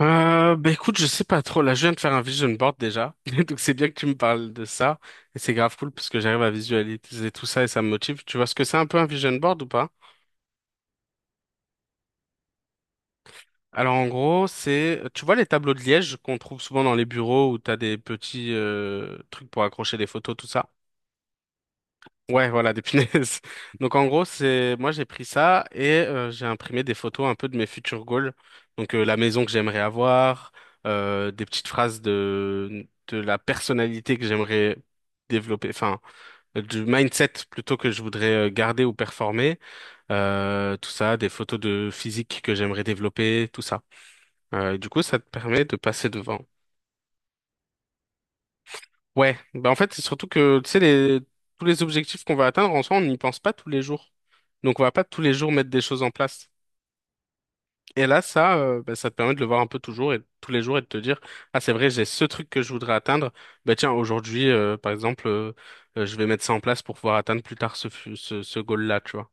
Bah écoute, je sais pas trop. Là, je viens de faire un vision board déjà. Donc c'est bien que tu me parles de ça. Et c'est grave cool parce que j'arrive à visualiser tout ça et ça me motive. Tu vois ce que c'est un peu un vision board ou pas? Alors en gros, c'est, tu vois les tableaux de liège qu'on trouve souvent dans les bureaux où t'as des petits trucs pour accrocher des photos, tout ça. Ouais, voilà, des punaises. Donc en gros, c'est moi j'ai pris ça et j'ai imprimé des photos un peu de mes futurs goals. Donc la maison que j'aimerais avoir, des petites phrases de la personnalité que j'aimerais développer, enfin du mindset plutôt que je voudrais garder ou performer, tout ça, des photos de physique que j'aimerais développer, tout ça. Du coup, ça te permet de passer devant. Ouais, bah en fait, c'est surtout que, tu sais, les... tous les objectifs qu'on va atteindre, en soi, on n'y pense pas tous les jours. Donc, on va pas tous les jours mettre des choses en place. Et là, ça, ça te permet de le voir un peu toujours et tous les jours et de te dire, ah, c'est vrai, j'ai ce truc que je voudrais atteindre. Bah, tiens, aujourd'hui, par exemple, je vais mettre ça en place pour pouvoir atteindre plus tard ce goal-là, tu vois.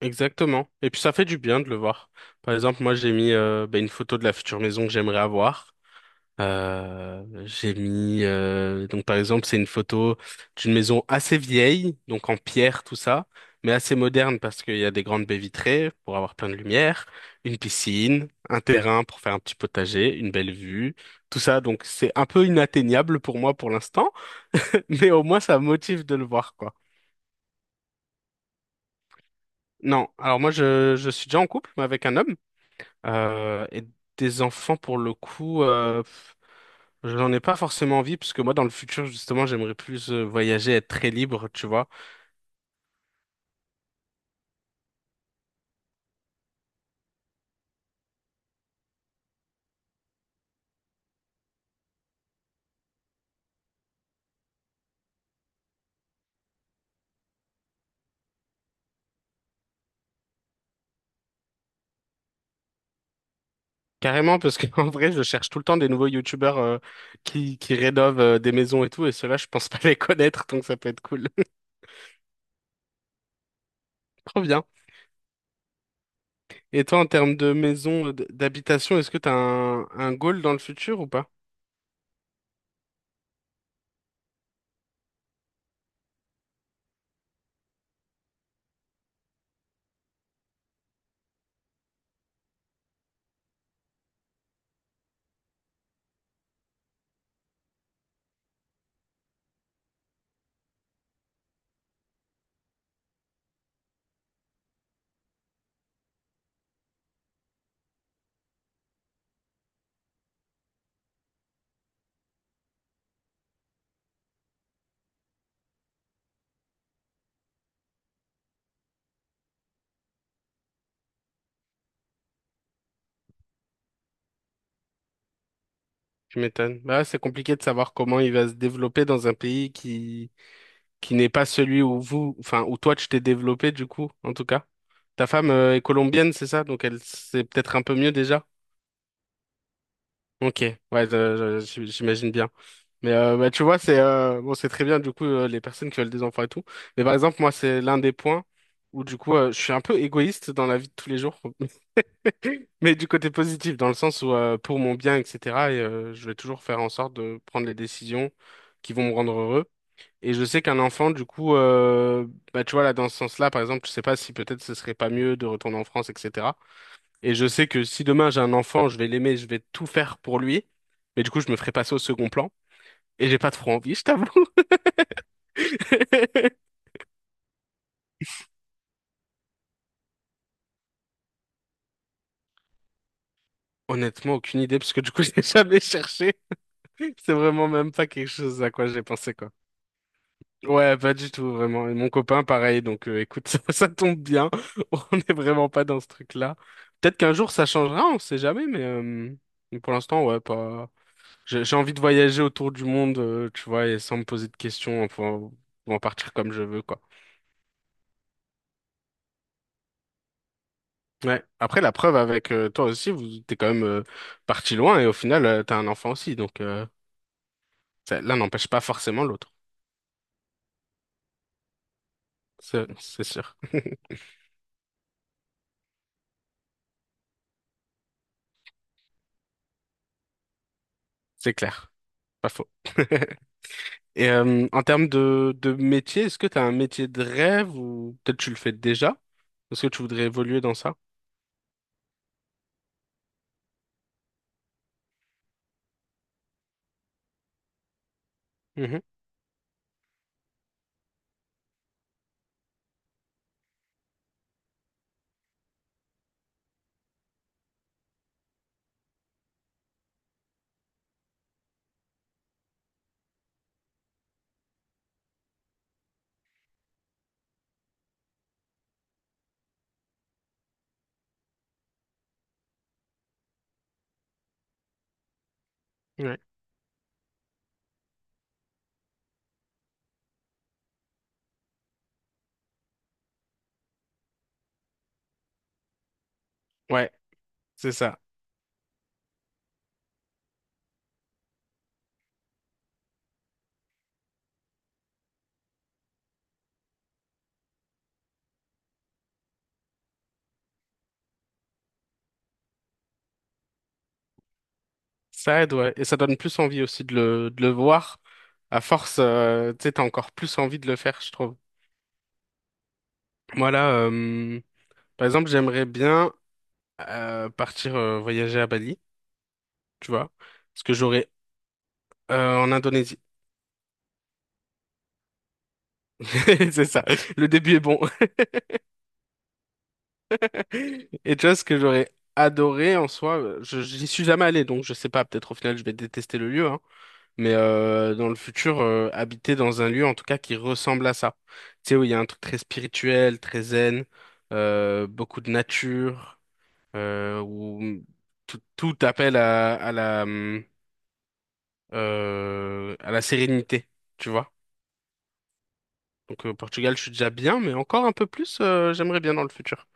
Exactement. Et puis ça fait du bien de le voir. Par exemple, moi j'ai mis une photo de la future maison que j'aimerais avoir. J'ai mis donc par exemple c'est une photo d'une maison assez vieille, donc en pierre tout ça, mais assez moderne parce qu'il y a des grandes baies vitrées pour avoir plein de lumière, une piscine, un terrain pour faire un petit potager, une belle vue, tout ça. Donc c'est un peu inatteignable pour moi pour l'instant, mais au moins ça me motive de le voir quoi. Non, alors moi je suis déjà en couple mais avec un homme. Et des enfants, pour le coup, pff, j'en ai pas forcément envie, parce que moi, dans le futur, justement, j'aimerais plus voyager, être très libre, tu vois. Carrément, parce que en vrai, je cherche tout le temps des nouveaux youtubeurs qui rénovent des maisons et tout, et ceux-là, je pense pas les connaître, donc ça peut être cool. Trop bien. Et toi, en termes de maison, d'habitation, est-ce que t'as un goal dans le futur ou pas? Tu m'étonnes. Bah, ouais, c'est compliqué de savoir comment il va se développer dans un pays qui n'est pas celui où vous, enfin, où toi tu t'es développé du coup, en tout cas. Ta femme est colombienne, c'est ça? Donc elle sait peut-être un peu mieux déjà. Ok, ouais, j'imagine bien. Mais tu vois, c'est bon, c'est très bien du coup les personnes qui veulent des enfants et tout. Mais par exemple, moi, c'est l'un des points où du coup, je suis un peu égoïste dans la vie de tous les jours, mais du côté positif, dans le sens où pour mon bien, etc. Et je vais toujours faire en sorte de prendre les décisions qui vont me rendre heureux. Et je sais qu'un enfant, du coup, tu vois, là, dans ce sens-là, par exemple, je sais pas si peut-être ce serait pas mieux de retourner en France, etc. Et je sais que si demain j'ai un enfant, je vais l'aimer, je vais tout faire pour lui. Mais du coup, je me ferai passer au second plan. Et j'ai pas trop envie, je t'avoue. Honnêtement, aucune idée, parce que du coup, j'ai jamais cherché. C'est vraiment même pas quelque chose à quoi j'ai pensé, quoi. Ouais, pas du tout, vraiment. Et mon copain, pareil. Donc, écoute, ça tombe bien. On n'est vraiment pas dans ce truc-là. Peut-être qu'un jour, ça changera, on sait jamais, mais pour l'instant, ouais, pas. J'ai envie de voyager autour du monde, tu vois, et sans me poser de questions, enfin, ou en partir comme je veux, quoi. Ouais. Après, la preuve avec toi aussi, vous t'es quand même parti loin, et au final, t'as un enfant aussi, donc l'un n'empêche pas forcément l'autre. C'est sûr, c'est clair, pas faux. Et en termes de métier, est-ce que tu as un métier de rêve ou peut-être tu le fais déjà? Est-ce que tu voudrais évoluer dans ça? Mhm, ouais, ouais, c'est ça. Ça aide, ouais. Et ça donne plus envie aussi de le voir. À force, tu sais, t'as encore plus envie de le faire, je trouve. Moi, là, par exemple, j'aimerais bien partir voyager à Bali, tu vois, parce que j'aurais euh, en Indonésie. C'est ça. Le début est bon. Et tu vois, ce que j'aurais adoré en soi, j'y suis jamais allé, donc je sais pas, peut-être au final je vais détester le lieu, hein, mais dans le futur, habiter dans un lieu en tout cas qui ressemble à ça. Tu sais, où il y a un truc très spirituel, très zen, beaucoup de nature, où tout appelle à, à la sérénité, tu vois. Donc, au Portugal, je suis déjà bien, mais encore un peu plus, j'aimerais bien dans le futur.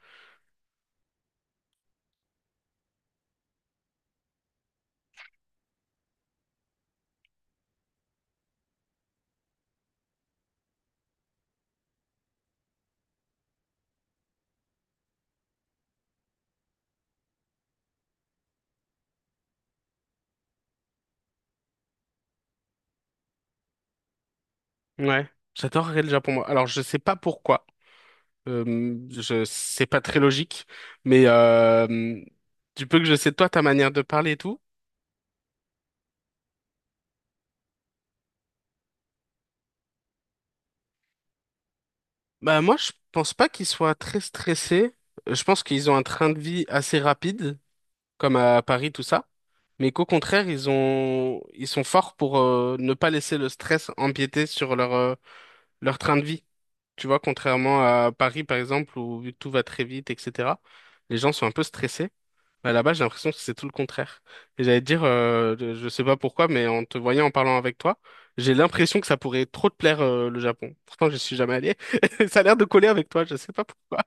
Ouais, j'adorerais le Japon, moi. Alors, je sais pas pourquoi. Je c'est pas très logique, mais du peu que je sais de toi, ta manière de parler et tout, bah moi, je pense pas qu'ils soient très stressés. Je pense qu'ils ont un train de vie assez rapide, comme à Paris, tout ça, mais qu'au contraire, ils sont forts pour ne pas laisser le stress empiéter sur leur leur train de vie. Tu vois, contrairement à Paris, par exemple, où tout va très vite, etc. Les gens sont un peu stressés. Bah, là-bas, j'ai l'impression que c'est tout le contraire. Et j'allais te dire, je sais pas pourquoi, mais en te voyant, en parlant avec toi, j'ai l'impression que ça pourrait trop te plaire, le Japon. Pourtant, je suis jamais allé. Ça a l'air de coller avec toi, je sais pas pourquoi.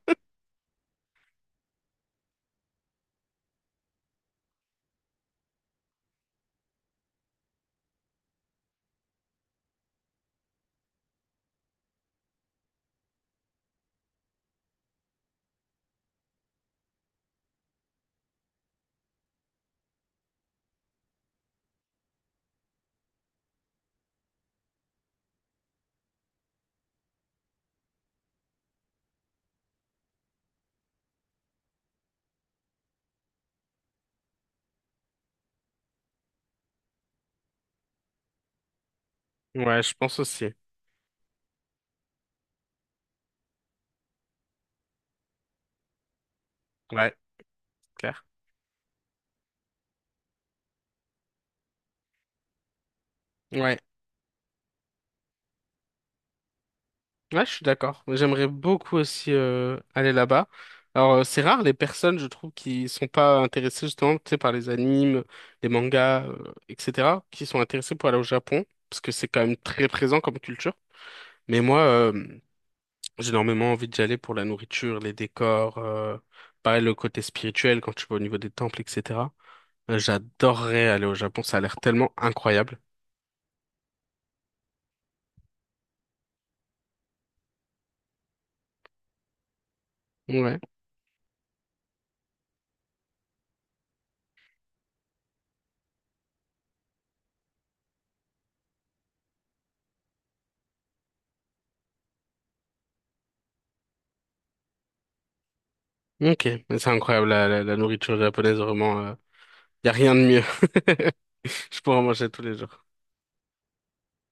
Ouais, je pense aussi. Ouais, clair. Ouais, ouais, je suis d'accord. J'aimerais beaucoup aussi aller là-bas. Alors, c'est rare les personnes, je trouve, qui sont pas intéressées justement, tu sais, par les animes, les mangas, etc., qui sont intéressées pour aller au Japon, parce que c'est quand même très présent comme culture. Mais moi, j'ai énormément envie d'y aller pour la nourriture, les décors, pareil le côté spirituel quand tu vas au niveau des temples, etc. J'adorerais aller au Japon, ça a l'air tellement incroyable. Ouais, ok. Mais c'est incroyable, la nourriture japonaise, vraiment, y a rien de mieux. Je pourrais en manger tous les jours,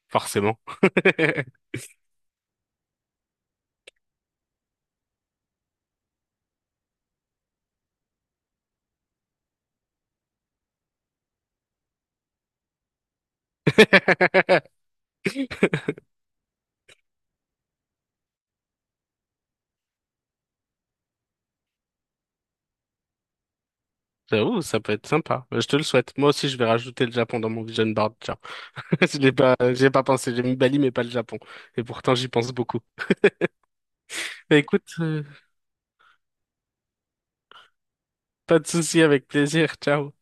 forcément. J'avoue, ça peut être sympa. Je te le souhaite. Moi aussi, je vais rajouter le Japon dans mon vision board. Tiens, je l'ai pas, j'ai pas pensé. J'ai mis Bali, mais pas le Japon. Et pourtant, j'y pense beaucoup. Bah, écoute, pas de souci, avec plaisir. Ciao.